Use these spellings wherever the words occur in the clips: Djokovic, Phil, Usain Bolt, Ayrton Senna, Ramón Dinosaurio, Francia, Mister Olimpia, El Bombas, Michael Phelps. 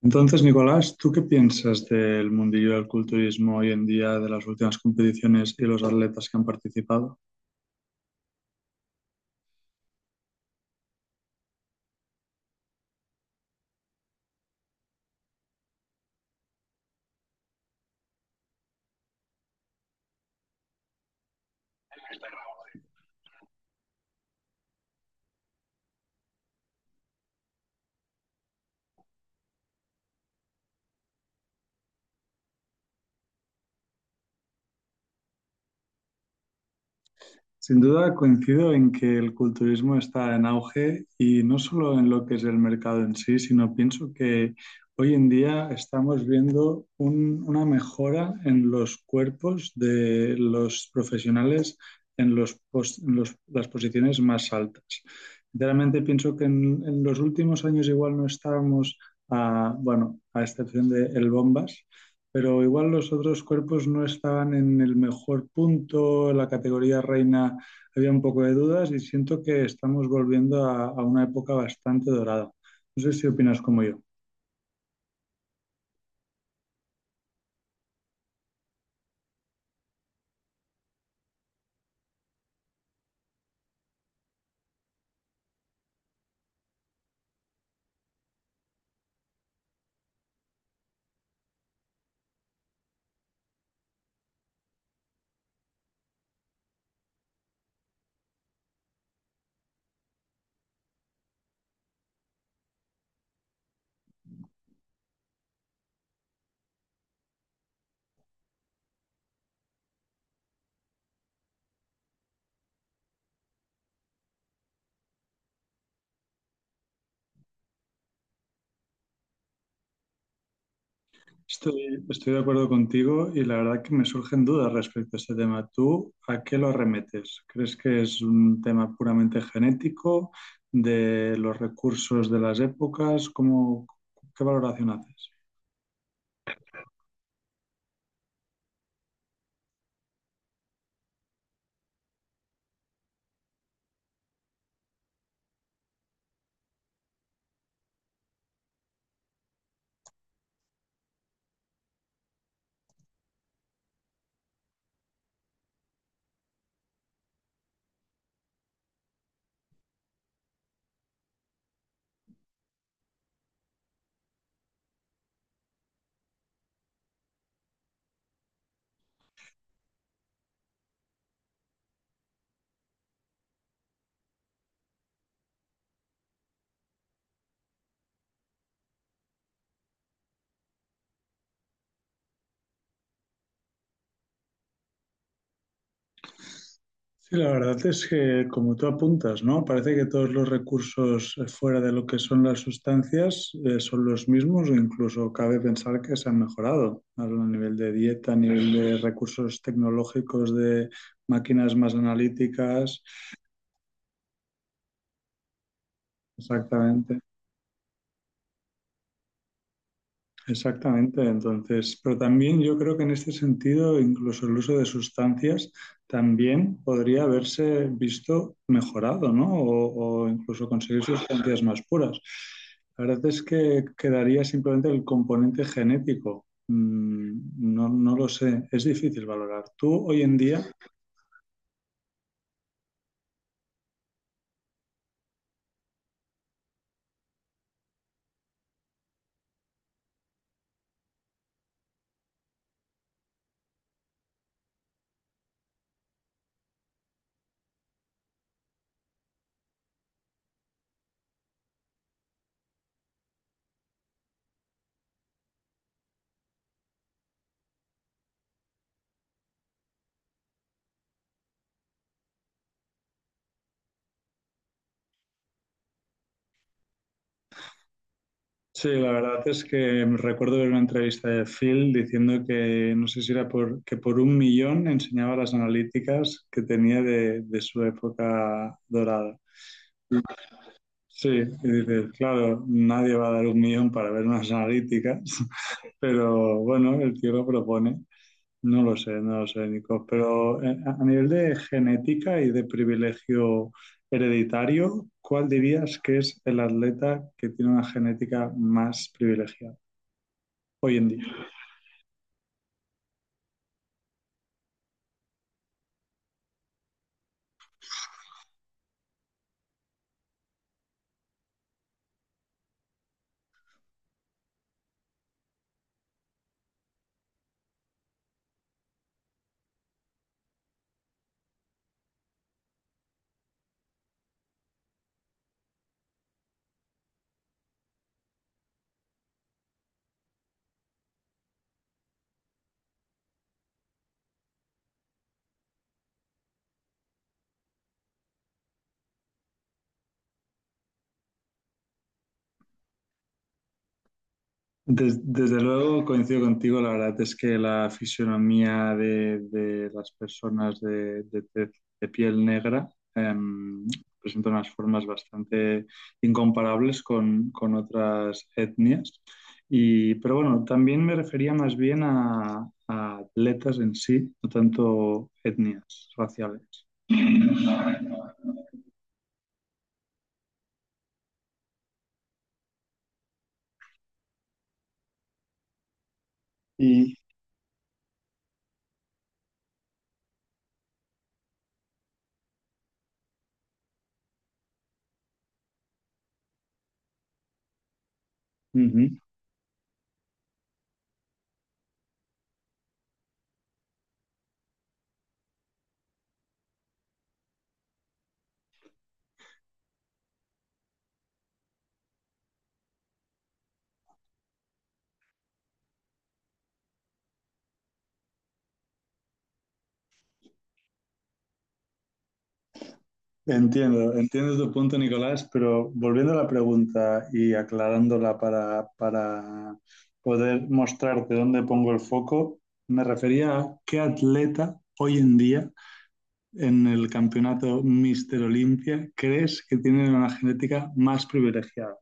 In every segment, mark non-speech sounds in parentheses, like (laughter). Entonces, Nicolás, ¿tú qué piensas del mundillo del culturismo hoy en día, de las últimas competiciones y los atletas que han participado? Sin duda coincido en que el culturismo está en auge y no solo en lo que es el mercado en sí, sino pienso que hoy en día estamos viendo una mejora en los cuerpos de los profesionales en, los pos- en los- las posiciones más altas. Sinceramente pienso que en los últimos años igual no estábamos, bueno, a excepción de El Bombas, pero igual los otros cuerpos no estaban en el mejor punto, la categoría reina había un poco de dudas y siento que estamos volviendo a una época bastante dorada. No sé si opinas como yo. Estoy de acuerdo contigo y la verdad que me surgen dudas respecto a este tema. ¿Tú a qué lo arremetes? ¿Crees que es un tema puramente genético, de los recursos de las épocas? ¿Cómo, qué valoración haces? Sí, la verdad es que, como tú apuntas, ¿no? Parece que todos los recursos fuera de lo que son las sustancias, son los mismos o incluso cabe pensar que se han mejorado a nivel de dieta, a nivel de recursos tecnológicos, de máquinas más analíticas. Exactamente. Exactamente, entonces, pero también yo creo que en este sentido, incluso el uso de sustancias también podría haberse visto mejorado, ¿no? O incluso conseguir sustancias más puras. La verdad es que quedaría simplemente el componente genético. No, no lo sé, es difícil valorar. Tú hoy en día, sí, la verdad es que recuerdo ver una entrevista de Phil diciendo que no sé si era que por 1 millón enseñaba las analíticas que tenía de su época dorada. Sí, y dices, claro, nadie va a dar 1 millón para ver unas analíticas, (laughs) pero bueno, el tío lo propone. No lo sé, no lo sé, Nico, pero a nivel de genética y de privilegio hereditario, ¿cuál dirías que es el atleta que tiene una genética más privilegiada hoy en día? Desde luego coincido contigo, la verdad es que la fisionomía de las personas de piel negra em, presenta unas formas bastante incomparables con otras etnias. Pero bueno, también me refería más bien a atletas en sí, no tanto etnias raciales. Y Ujú. Entiendo tu punto, Nicolás, pero volviendo a la pregunta y aclarándola para poder mostrarte dónde pongo el foco, me refería a qué atleta hoy en día en el campeonato Mister Olimpia crees que tiene una genética más privilegiada,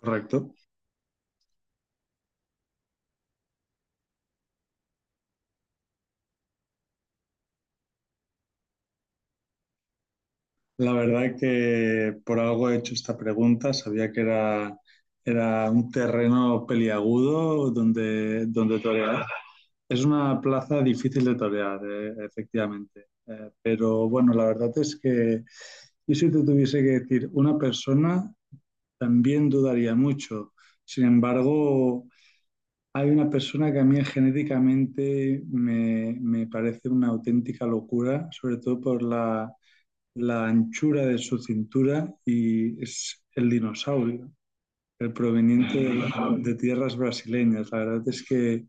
¿correcto? La verdad que por algo he hecho esta pregunta, sabía que era un terreno peliagudo donde torear. Es una plaza difícil de torear, efectivamente. Pero bueno, la verdad es que yo si te tuviese que decir una persona, también dudaría mucho. Sin embargo, hay una persona que a mí genéticamente me parece una auténtica locura, sobre todo por la anchura de su cintura y es el dinosaurio, el proveniente de tierras brasileñas. La verdad es que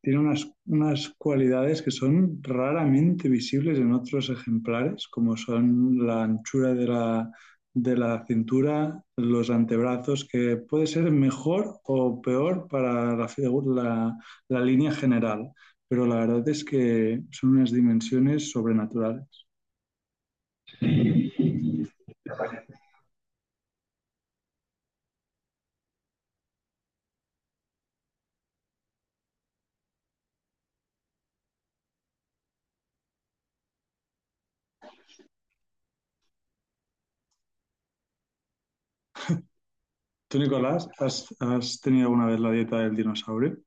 tiene unas cualidades que son raramente visibles en otros ejemplares, como son la anchura de la cintura, los antebrazos, que puede ser mejor o peor para la línea general, pero la verdad es que son unas dimensiones sobrenaturales. Tú, Nicolás, ¿has tenido alguna vez la dieta del dinosaurio?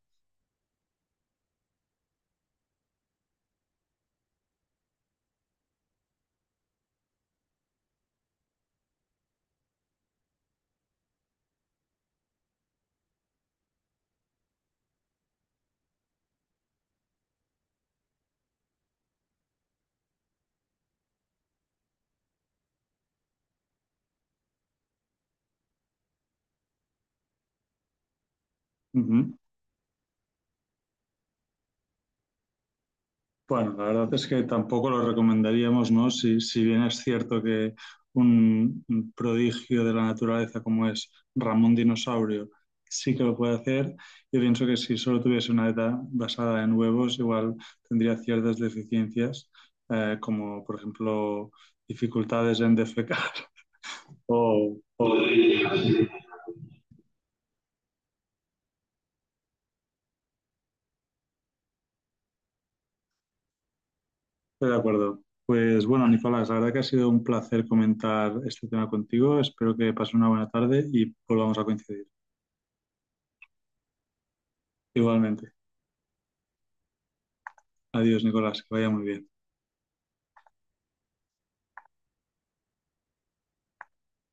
Ujú. Bueno, la verdad es que tampoco lo recomendaríamos, ¿no? Si bien es cierto que un prodigio de la naturaleza como es Ramón Dinosaurio sí que lo puede hacer, yo pienso que si solo tuviese una dieta basada en huevos, igual tendría ciertas deficiencias, como por ejemplo dificultades en defecar. (laughs) O, o- Estoy de acuerdo. Pues bueno, Nicolás, la verdad que ha sido un placer comentar este tema contigo. Espero que pases una buena tarde y volvamos a coincidir. Igualmente. Adiós, Nicolás, que vaya muy bien.